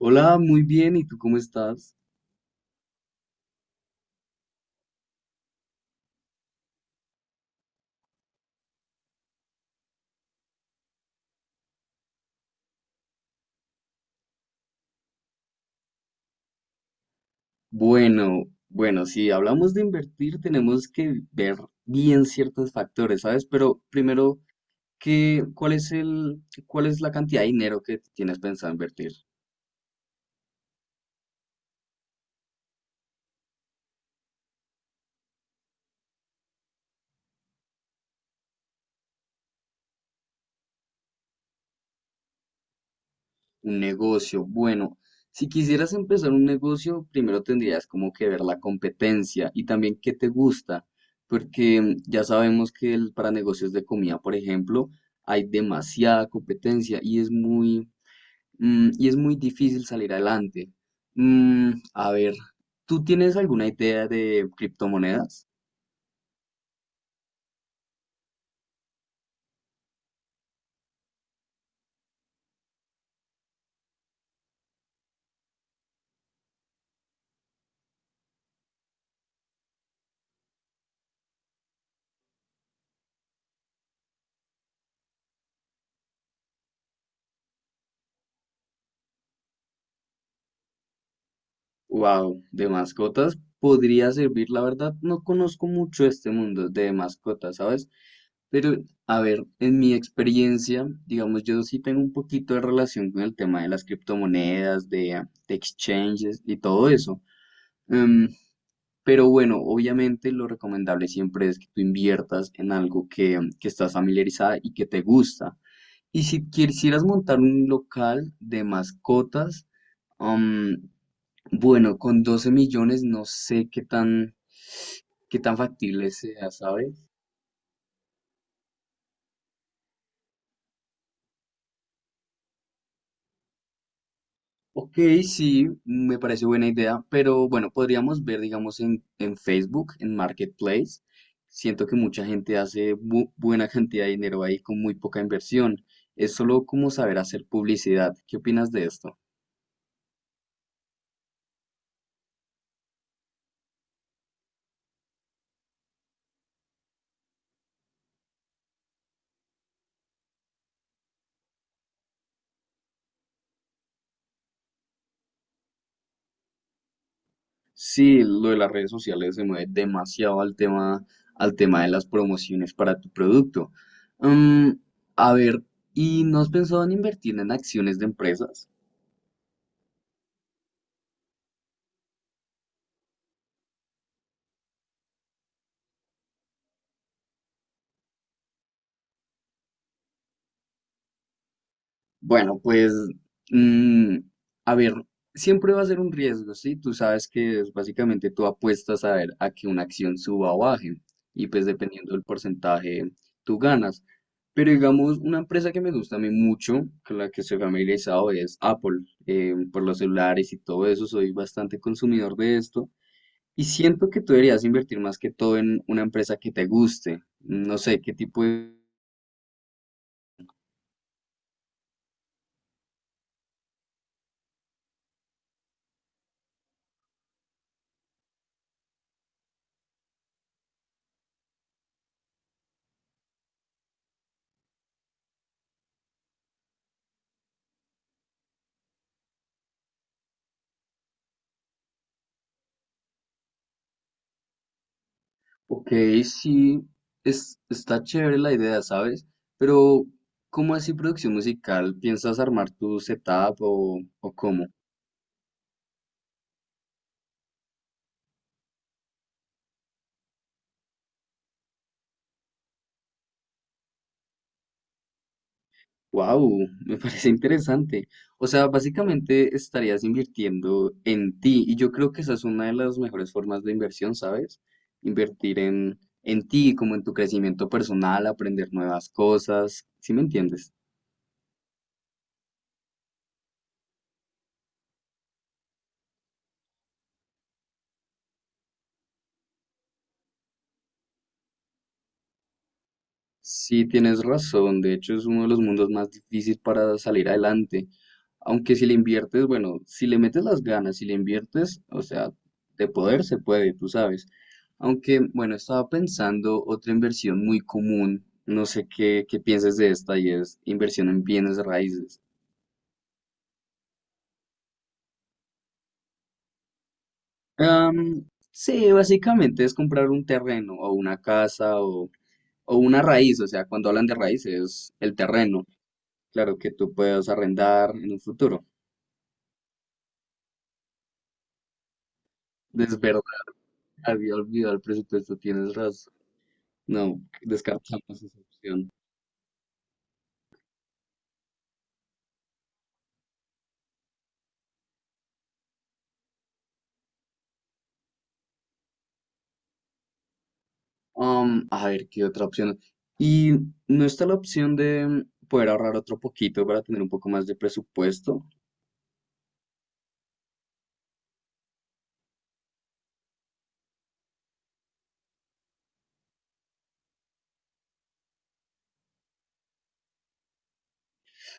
Hola, muy bien, ¿y tú cómo estás? Bueno, bueno, si hablamos de invertir, tenemos que ver bien ciertos factores, ¿sabes? Pero primero, ¿qué, cuál es el, cuál es la cantidad de dinero que tienes pensado invertir? Un negocio, bueno, si quisieras empezar un negocio, primero tendrías como que ver la competencia y también qué te gusta, porque ya sabemos que para negocios de comida, por ejemplo, hay demasiada competencia y es muy difícil salir adelante. A ver, ¿tú tienes alguna idea de criptomonedas? Wow, de mascotas podría servir, la verdad, no conozco mucho este mundo de mascotas, ¿sabes? Pero, a ver, en mi experiencia, digamos, yo sí tengo un poquito de relación con el tema de las criptomonedas, de exchanges y todo eso. Em, pero bueno, obviamente lo recomendable siempre es que tú inviertas en algo que estás familiarizada y que te gusta. Y si quisieras montar un local de mascotas, am, bueno, con 12 millones no sé qué tan factible sea, ¿sabes? Ok, sí, me parece buena idea, pero bueno, podríamos ver, digamos, en Facebook, en Marketplace. Siento que mucha gente hace buena cantidad de dinero ahí con muy poca inversión. Es solo como saber hacer publicidad. ¿Qué opinas de esto? Sí, lo de las redes sociales se mueve demasiado al tema de las promociones para tu producto. Mm, a ver, ¿y no has pensado en invertir en acciones de empresas? Bueno, pues, mm, a ver, siempre va a ser un riesgo, ¿sí? Tú sabes que es básicamente tú apuestas a ver a que una acción suba o baje y pues dependiendo del porcentaje tú ganas. Pero digamos, una empresa que me gusta a mí mucho, con la que estoy familiarizado, es Apple, por los celulares y todo eso, soy bastante consumidor de esto y siento que tú deberías invertir más que todo en una empresa que te guste. No sé qué tipo de. Ok, sí, está chévere la idea, ¿sabes? Pero, ¿cómo así producción musical? ¿Piensas armar tu setup o cómo? Wow, me parece interesante. O sea, básicamente estarías invirtiendo en ti y yo creo que esa es una de las mejores formas de inversión, ¿sabes? Invertir en ti, como en tu crecimiento personal, aprender nuevas cosas, ¿sí me entiendes? Sí, tienes razón. De hecho, es uno de los mundos más difíciles para salir adelante. Aunque si le inviertes, bueno, si le metes las ganas, si le inviertes, o sea, de poder se puede, tú sabes. Aunque, bueno, estaba pensando otra inversión muy común. No sé qué pienses de esta y es inversión en bienes raíces. Am, sí, básicamente es comprar un terreno o una casa o una raíz. O sea, cuando hablan de raíces, el terreno. Claro que tú puedes arrendar en un futuro. Es verdad, había olvidado el presupuesto, tienes razón. No, descartamos esa opción. Um A ver, ¿qué otra opción? ¿Y no está la opción de poder ahorrar otro poquito para tener un poco más de presupuesto?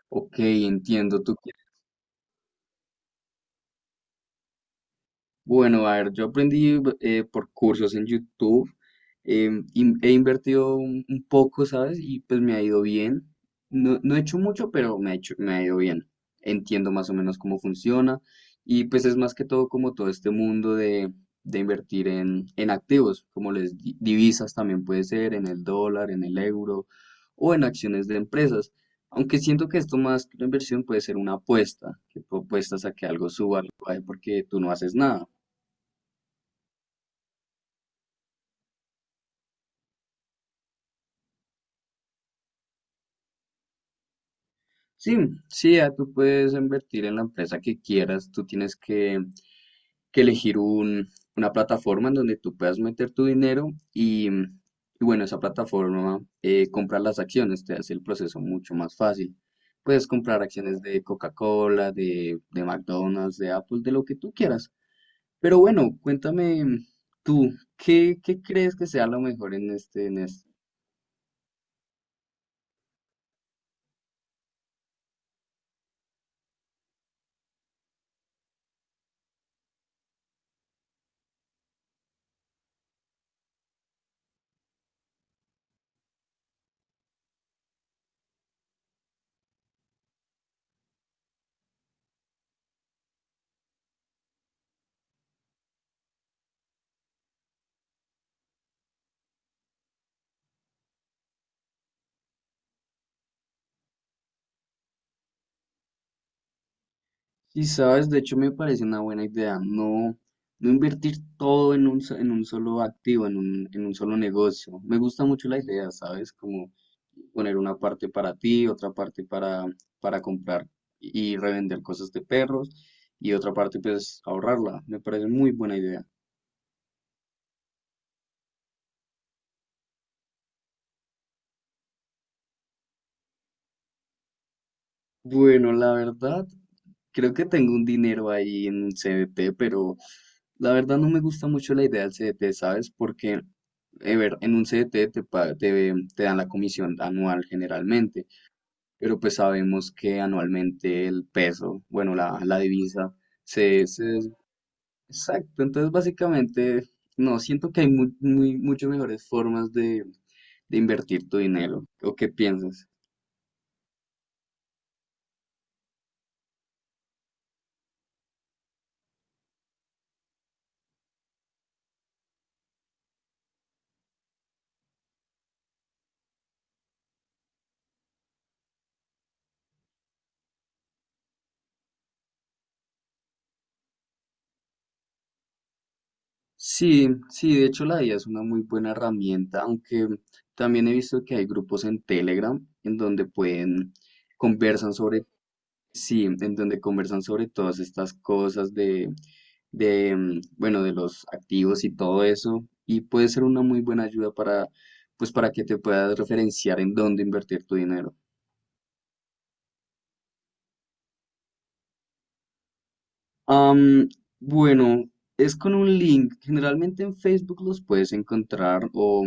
Ok, entiendo. ¿Tú? Bueno, a ver, yo aprendí por cursos en YouTube, he invertido un poco, ¿sabes? Y pues me ha ido bien. No, no he hecho mucho, pero me ha ido bien. Entiendo más o menos cómo funciona y pues es más que todo como todo este mundo de invertir en activos, como divisas también puede ser, en el dólar, en el euro o en acciones de empresas. Aunque siento que esto más que una inversión puede ser una apuesta, que tú apuestas a que algo suba, algo baje, porque tú no haces nada. Sí, sí, ya tú puedes invertir en la empresa que quieras. Tú tienes que elegir una plataforma en donde tú puedas meter tu dinero y, mm, y bueno, esa plataforma comprar las acciones, te hace el proceso mucho más fácil. Puedes comprar acciones de Coca-Cola, de McDonald's, de Apple, de lo que tú quieras. Pero bueno, cuéntame tú, ¿qué crees que sea lo mejor en en este. Y sabes, de hecho me parece una buena idea, no, no invertir todo en un solo activo, en un solo negocio. Me gusta mucho la idea, ¿sabes? Como poner una parte para ti, otra parte para comprar y revender cosas de perros y otra parte pues ahorrarla. Me parece muy buena idea. Bueno, la verdad, creo que tengo un dinero ahí en un CDT, pero la verdad no me gusta mucho la idea del CDT, ¿sabes? Porque, ver, en un CDT te dan la comisión anual generalmente, pero pues sabemos que anualmente el peso, bueno, la divisa, se, se... des- Exacto, entonces básicamente, no, siento que hay muchas mejores formas de invertir tu dinero. ¿O qué piensas? Sí, sí, de hecho la IA es una muy buena herramienta, aunque también he visto que hay grupos en Telegram en donde conversan sobre, sí, en donde conversan sobre todas estas cosas, bueno, de los activos y todo eso, y puede ser una muy buena ayuda para, pues, para que te puedas referenciar en dónde invertir tu dinero. Am, bueno, es con un link. Generalmente en Facebook los puedes encontrar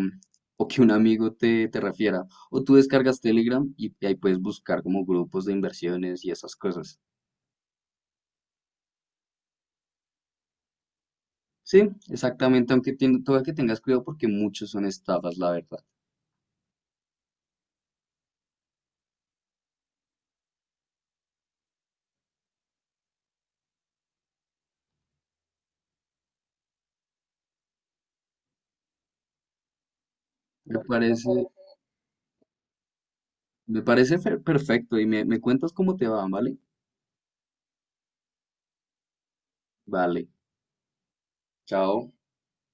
o que un amigo te refiera. O tú descargas Telegram y ahí puedes buscar como grupos de inversiones y esas cosas. Sí, exactamente, aunque toca que tengas cuidado porque muchos son estafas, la verdad. Me parece, me parece perfecto y me cuentas cómo te va, ¿vale? Vale, chao.